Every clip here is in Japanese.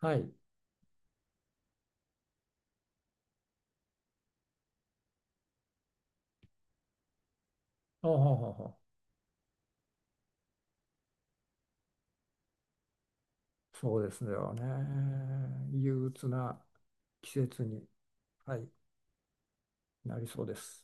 はい。ほうほうほうほう。そうですよね。憂鬱な季節に、はい、なりそうです。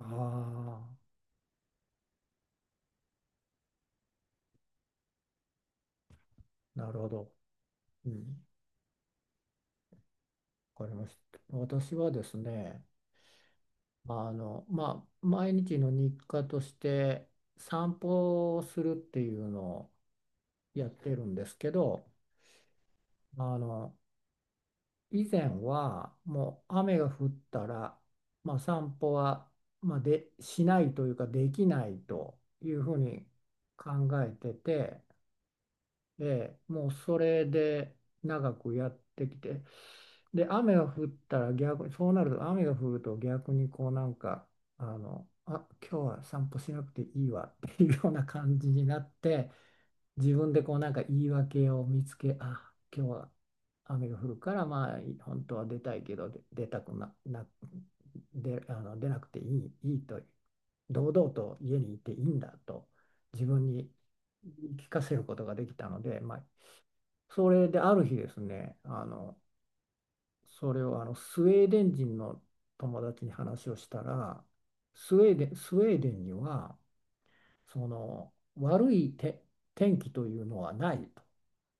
ああ、なるほど。うん、わかりました。私はですね、まあ、毎日の日課として散歩をするっていうのをやってるんですけど、あの、以前はもう雨が降ったら、まあ、散歩は、まあ、でしないというかできないというふうに考えてて、ええ、もうそれで長くやってきて、で雨が降ったら逆に、そうなると雨が降ると逆にこうなんか、今日は散歩しなくていいわっていうような感じになって。自分でこうなんか言い訳を見つけ、あ、今日は雨が降るから、まあ本当は出たいけど、で、出なくていいと、堂々と家にいていいんだと自分に言い聞かせることができたので、まあ、それである日ですね、それをあのスウェーデン人の友達に話をしたら、スウェーデンには、その悪い天気というのはないと。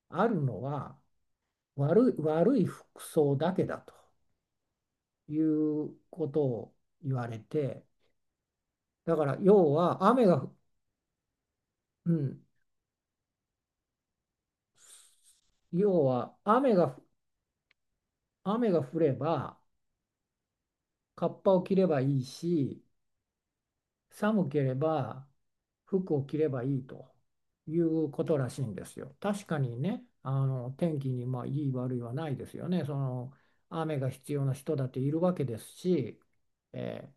あるのは悪い服装だけだということを言われて、だからうん、要は雨が降ればカッパを着ればいいし、寒ければ服を着ればいいということらしいんですよ。確かにね、あの天気にまあいい悪いはないですよね。その雨が必要な人だっているわけですし、え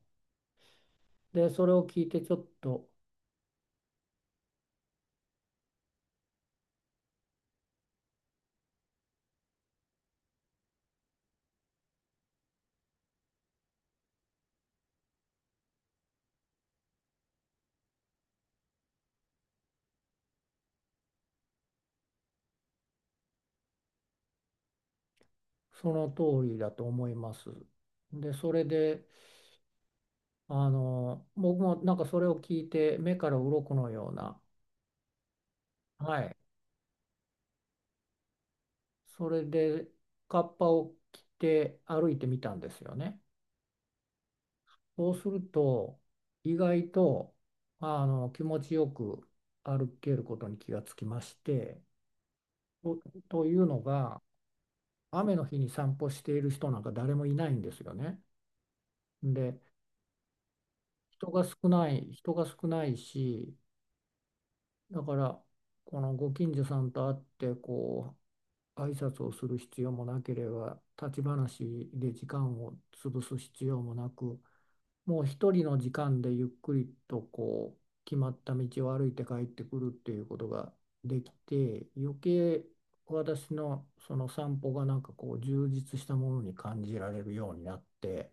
で、それを聞いてちょっと、その通りだと思います。で、それで、僕もなんかそれを聞いて、目から鱗のような、はい、それで、カッパを着て歩いてみたんですよね。そうすると、意外と、気持ちよく歩けることに気がつきまして、と、というのが、雨の日に散歩している人なんか誰もいないんですよね。で、人が少ないし、だからこのご近所さんと会ってこう挨拶をする必要もなければ、立ち話で時間を潰す必要もなく、もう一人の時間でゆっくりとこう決まった道を歩いて帰ってくるっていうことができて、余計私のその散歩がなんかこう充実したものに感じられるようになって。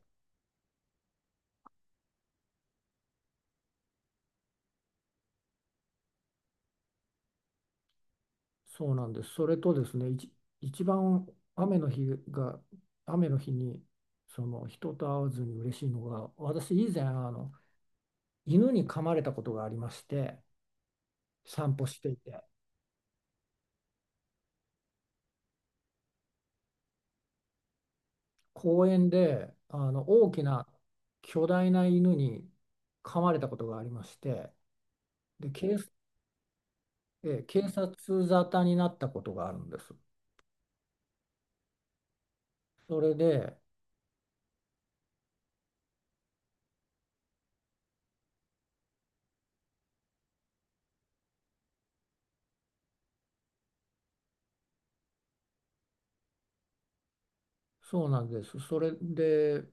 そうなんです。それとですね、一番、雨の日が、雨の日にその人と会わずに嬉しいのが、私以前あの犬に噛まれたことがありまして、散歩していて、公園であの大きな巨大な犬に噛まれたことがありまして、で、警察沙汰になったことがあるんです。それで、そうなんです。それで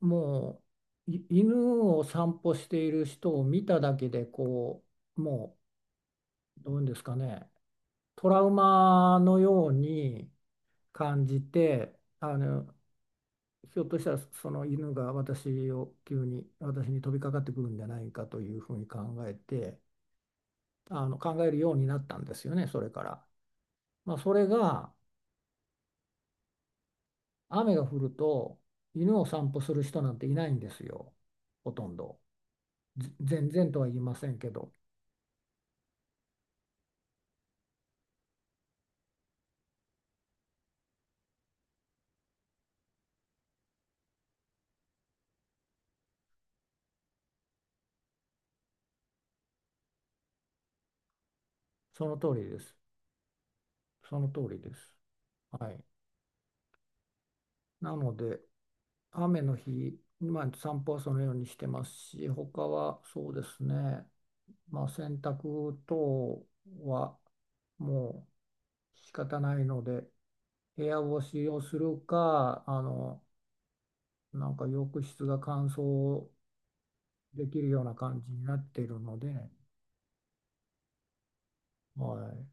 もうい犬を散歩している人を見ただけでこう、もう、どういうんですかね、トラウマのように感じて、あのひょっとしたらその犬が私に飛びかかってくるんじゃないかというふうに考えてあの考えるようになったんですよね、それから。まあ、それが、雨が降ると犬を散歩する人なんていないんですよ、ほとんど。全然とは言いませんけど。その通りです。その通りです。はい。なので、雨の日、まあ、散歩はそのようにしてますし、他はそうですね、まあ、洗濯等はもう仕方ないので、部屋干しをするか、なんか浴室が乾燥できるような感じになっているので、はい、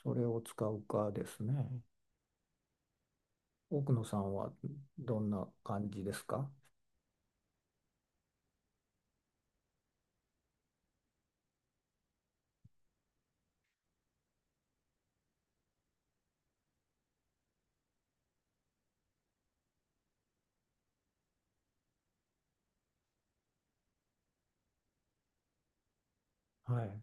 それを使うかですね。奥野さんはどんな感じですか？はい。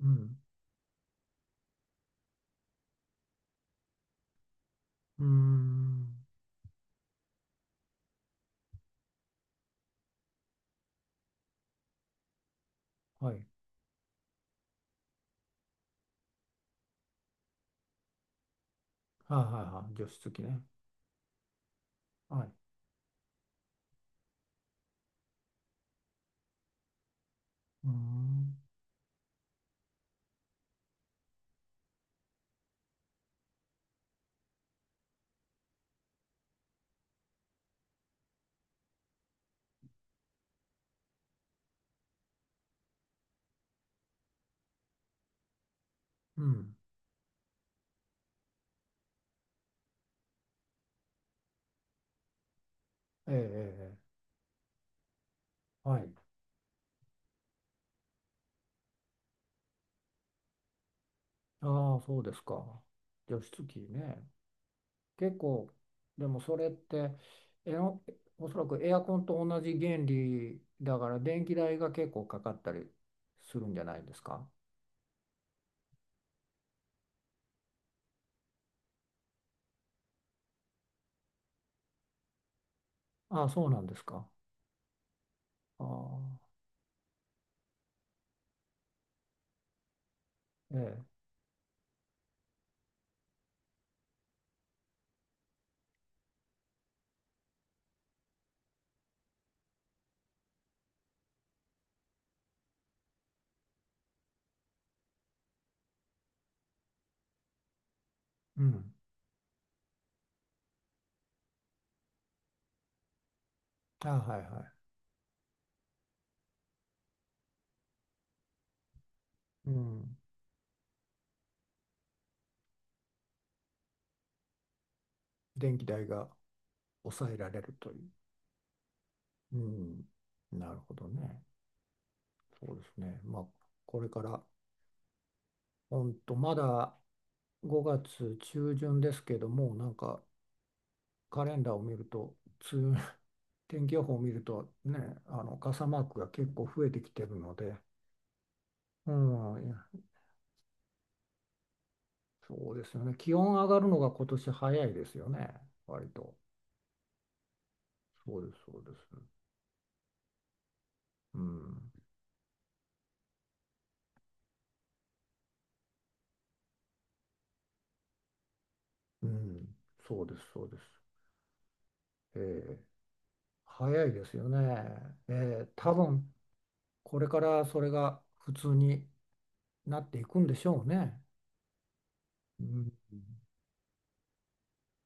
うん。うーん。はい。はいはいはい。除湿機ね。はい。うーん。うん。ええ、ええ、ええ、はい。ああ、そうですか。除湿機ね。結構、でもそれって、えの、おそらくエアコンと同じ原理だから、電気代が結構かかったりするんじゃないですか。ああ、そうなんですか。ああ、ええ。うん。ああ、はいはい。うん。電気代が抑えられるという。うん。なるほどね。そうですね。まあ、これから、ほんと、まだ5月中旬ですけども、なんかカレンダーを見ると、梅雨 天気予報を見ると、ね、あの傘マークが結構増えてきてるので、うん、いや、そうですよね。気温上がるのが今年早いですよね、割と。そうです、そうです。うん、うん、そうです、そうです。ええ、早いですよね。ええ、多分これからそれが普通になっていくんでしょうね。うん